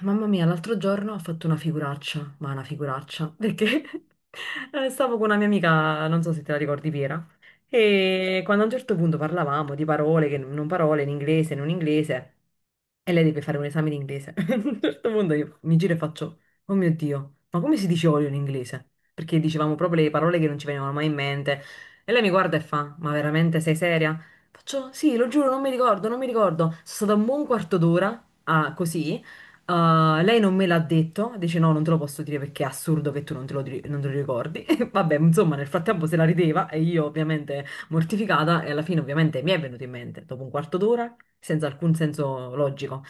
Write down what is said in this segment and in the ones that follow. Mamma mia, l'altro giorno ho fatto una figuraccia, ma una figuraccia, perché stavo con una mia amica, non so se te la ricordi Piera, e quando a un certo punto parlavamo di parole, che non parole, in inglese, non inglese, e lei deve fare un esame di inglese. A un certo punto io mi giro e faccio, oh mio Dio, ma come si dice olio in inglese? Perché dicevamo proprio le parole che non ci venivano mai in mente. E lei mi guarda e fa, ma veramente sei seria? Faccio, sì, lo giuro, non mi ricordo, non mi ricordo. Sono stata un buon quarto d'ora, così. Ah, lei non me l'ha detto, dice no, non te lo posso dire perché è assurdo che tu non te lo, non te lo ricordi. E vabbè, insomma, nel frattempo se la rideva e io ovviamente mortificata e alla fine ovviamente mi è venuto in mente, dopo un quarto d'ora, senza alcun senso logico.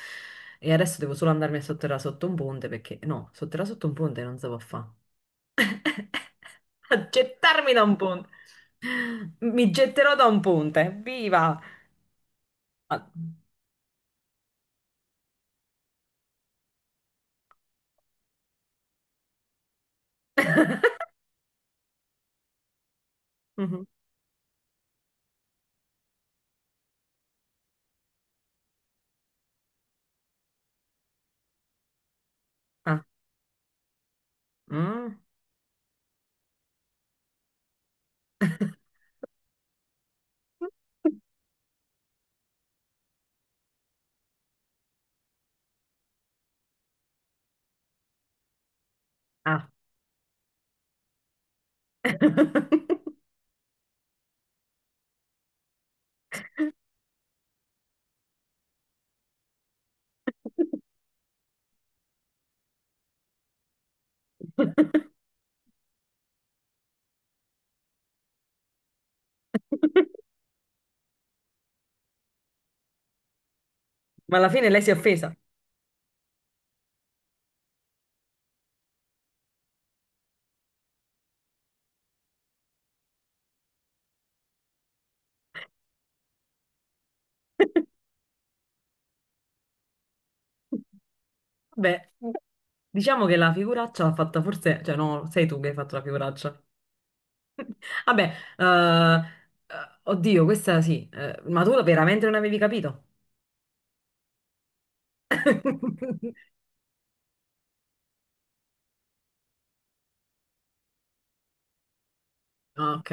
E adesso devo solo andarmi a sotterrare sotto un ponte perché no, sotterrare sotto un ponte non si può fare. A gettarmi da un ponte. Mi getterò da un ponte, viva! Ah, mhm. Ah, mm, ah. Ma alla fine lei si è offesa. Beh, diciamo che la figuraccia l'ha fatta forse, cioè no, sei tu che hai fatto la figuraccia. Vabbè, eh, oddio, questa sì, ma tu veramente non avevi capito? Ah, ok.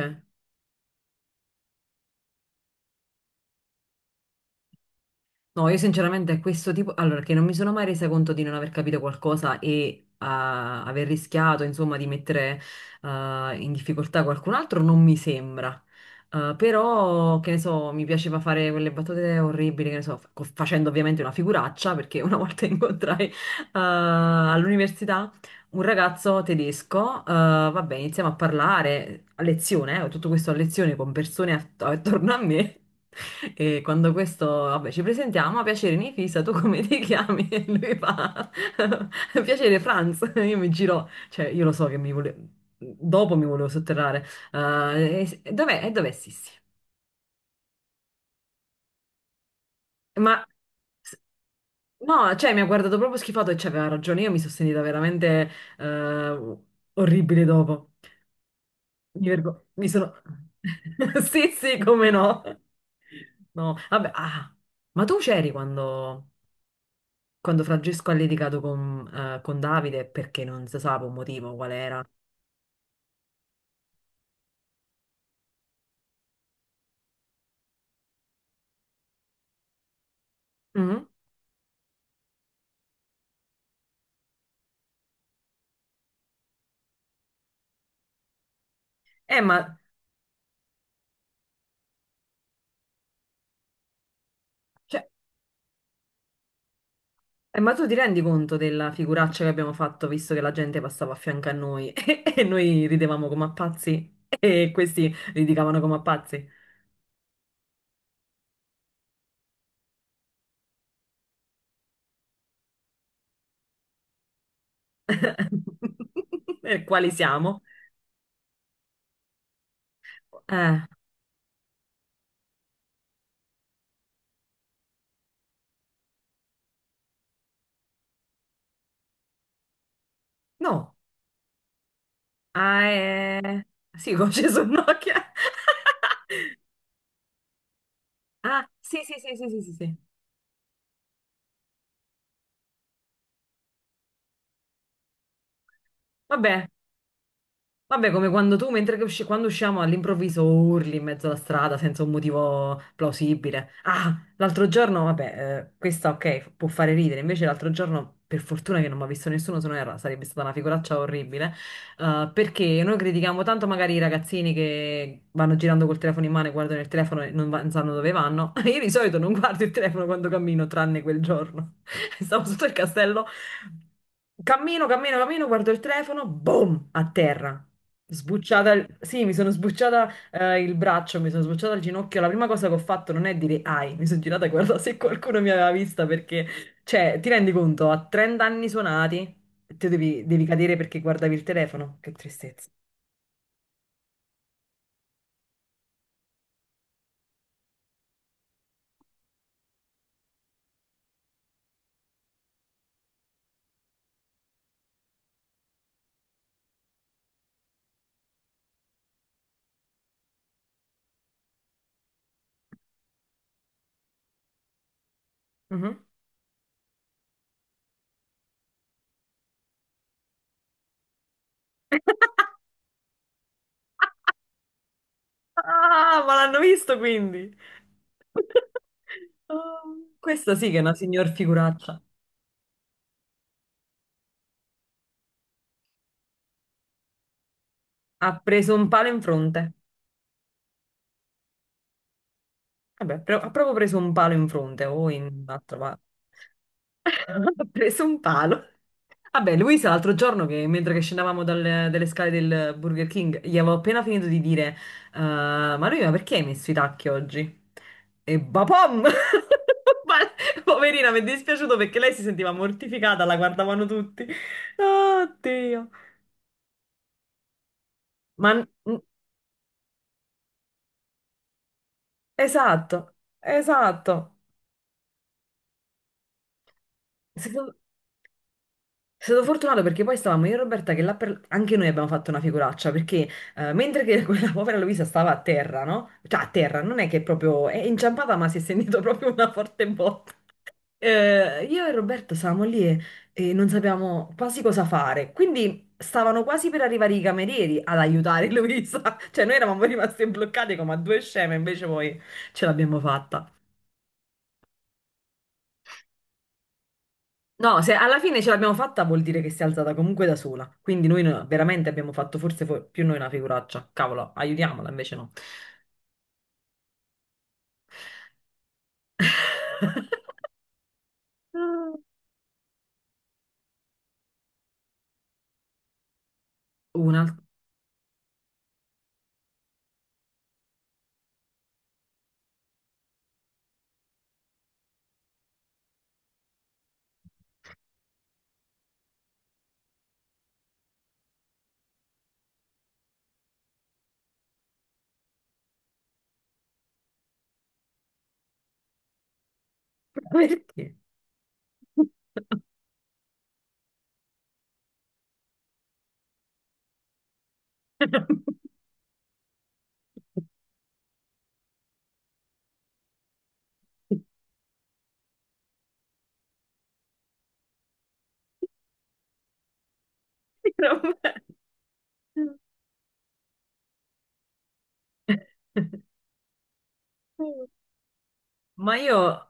No, io sinceramente questo tipo, allora che non mi sono mai resa conto di non aver capito qualcosa e aver rischiato, insomma, di mettere in difficoltà qualcun altro, non mi sembra. Ah, però, che ne so, mi piaceva fare quelle battute orribili, che ne so, facendo ovviamente una figuraccia, perché una volta incontrai all'università un ragazzo tedesco, vabbè, iniziamo a parlare a lezione, tutto questo a lezione con persone attorno a me. E quando questo, vabbè, ci presentiamo, a piacere Nifisa, tu come ti chiami? E lui fa, piacere Franz. Io mi giro, cioè io lo so che mi volevo, dopo mi volevo sotterrare. Eh, e dov'è? E dov'è Sissi? Ma s- no, cioè mi ha guardato proprio schifato e c'aveva ragione, io mi sono sentita veramente eh, orribile dopo. Mi sono... Sì, sì, come no. No, vabbè, ma tu c'eri quando, quando Francesco ha litigato con Davide perché non si sa per un motivo qual era. Mhm. Eh, ma, cioè, ma tu ti rendi conto della figuraccia che abbiamo fatto visto che la gente passava a fianco a noi e noi ridevamo come a pazzi e questi litigavano come a pazzi? Per quali siamo? Eh, no. Ah, è... Sì, con Gesù Nokia. Ah, sì, sì, sì, sì, sì, sì, sì. Vabbè, vabbè, come quando tu, mentre che quando usciamo all'improvviso urli in mezzo alla strada senza un motivo plausibile. Ah, l'altro giorno, vabbè, questa ok, può fare ridere, invece l'altro giorno, per fortuna che non mi ha visto nessuno, se no sarebbe stata una figuraccia orribile, perché noi critichiamo tanto magari i ragazzini che vanno girando col telefono in mano e guardano il telefono e non, non sanno dove vanno. Io di solito non guardo il telefono quando cammino, tranne quel giorno. Stavo sotto il castello. Cammino, cammino, cammino, guardo il telefono, boom, a terra. Sbucciata, sì, mi sono sbucciata il braccio, mi sono sbucciata il ginocchio. La prima cosa che ho fatto non è dire ai, mi sono girata e guardata se qualcuno mi aveva vista perché, cioè, ti rendi conto, a 30 anni suonati, te devi, devi cadere perché guardavi il telefono. Che tristezza. Mhm. Ah, ma l'hanno visto quindi. Oh, questa sì che è una signor figuraccia. Ha preso un palo in fronte. Vabbè, ha proprio preso un palo in fronte o in un altro, ma ha preso un palo. Vabbè, Luisa, l'altro giorno, che, mentre che scendevamo dalle, dalle scale del Burger King, gli avevo appena finito di dire, ma lui, ma perché hai messo i tacchi oggi? E bapom! Ma... Poverina, mi è dispiaciuto perché lei si sentiva mortificata, la guardavano tutti. Oddio. Ma... Esatto, esatto. È stato fortunato perché poi stavamo io e Roberta che là per... anche noi abbiamo fatto una figuraccia perché mentre che quella povera Luisa stava a terra, no? Cioè a terra, non è che proprio è inciampata ma si è sentito proprio una forte botta. Io e Roberto stavamo lì e non sapevamo quasi cosa fare, quindi stavano quasi per arrivare i camerieri ad aiutare Luisa, cioè noi eravamo rimasti bloccati come a due sceme, invece poi ce l'abbiamo fatta. No, se alla fine ce l'abbiamo fatta vuol dire che si è alzata comunque da sola. Quindi noi veramente abbiamo fatto forse più noi una figuraccia. Cavolo, aiutiamola, invece no. Ah. Una... Perché? Vabbè. Ma io...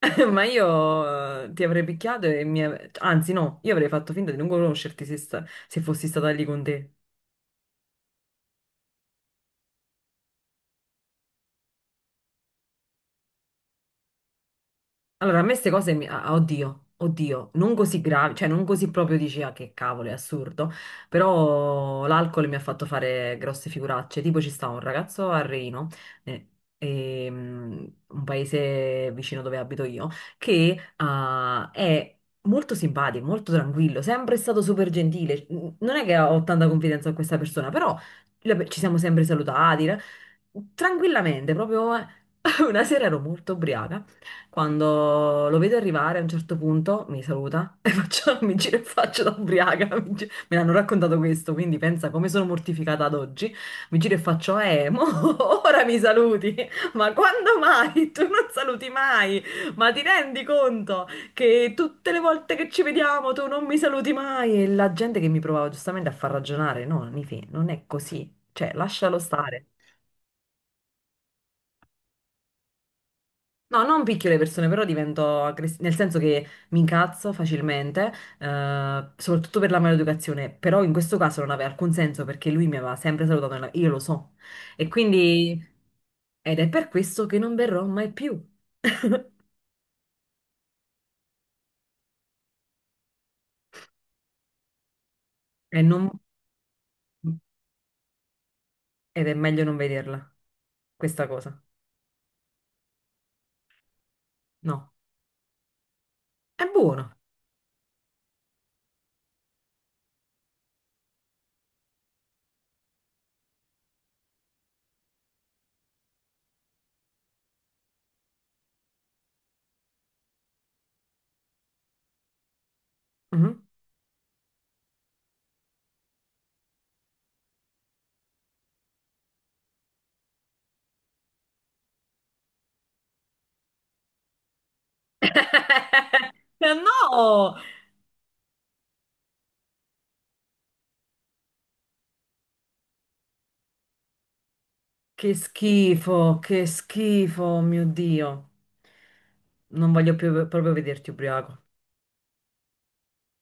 Ma io ti avrei picchiato e mi... Anzi, no, io avrei fatto finta di non conoscerti se, se fossi stata lì con te. Allora, a me queste cose, mi... ah, oddio, oddio, non così gravi, cioè non così proprio dici, ah che cavolo, è assurdo, però l'alcol mi ha fatto fare grosse figuracce, tipo ci sta un ragazzo a Reino, eh, un paese vicino dove abito io, che è molto simpatico, molto tranquillo, sempre stato super gentile, non è che ho tanta confidenza con questa persona, però ci siamo sempre salutati, tranquillamente, proprio.... Una sera ero molto ubriaca quando lo vedo arrivare a un certo punto mi saluta e faccio, mi giro e faccio da ubriaca. Mi, me l'hanno raccontato questo, quindi pensa come sono mortificata ad oggi. Mi giro e faccio, mo, ora mi saluti. Ma quando mai? Tu non saluti mai. Ma ti rendi conto che tutte le volte che ci vediamo tu non mi saluti mai? E la gente che mi provava giustamente a far ragionare, no, Nifi, non è così. Cioè, lascialo stare. No, non picchio le persone, però divento aggressiva, nel senso che mi incazzo facilmente, soprattutto per la maleducazione, però in questo caso non aveva alcun senso perché lui mi aveva sempre salutato, io lo so. E quindi, ed è per questo che non verrò mai più. E non... Ed è meglio non vederla, questa cosa. No, è buono. Mhm. No! Che schifo, mio Dio. Non voglio più proprio vederti ubriaco.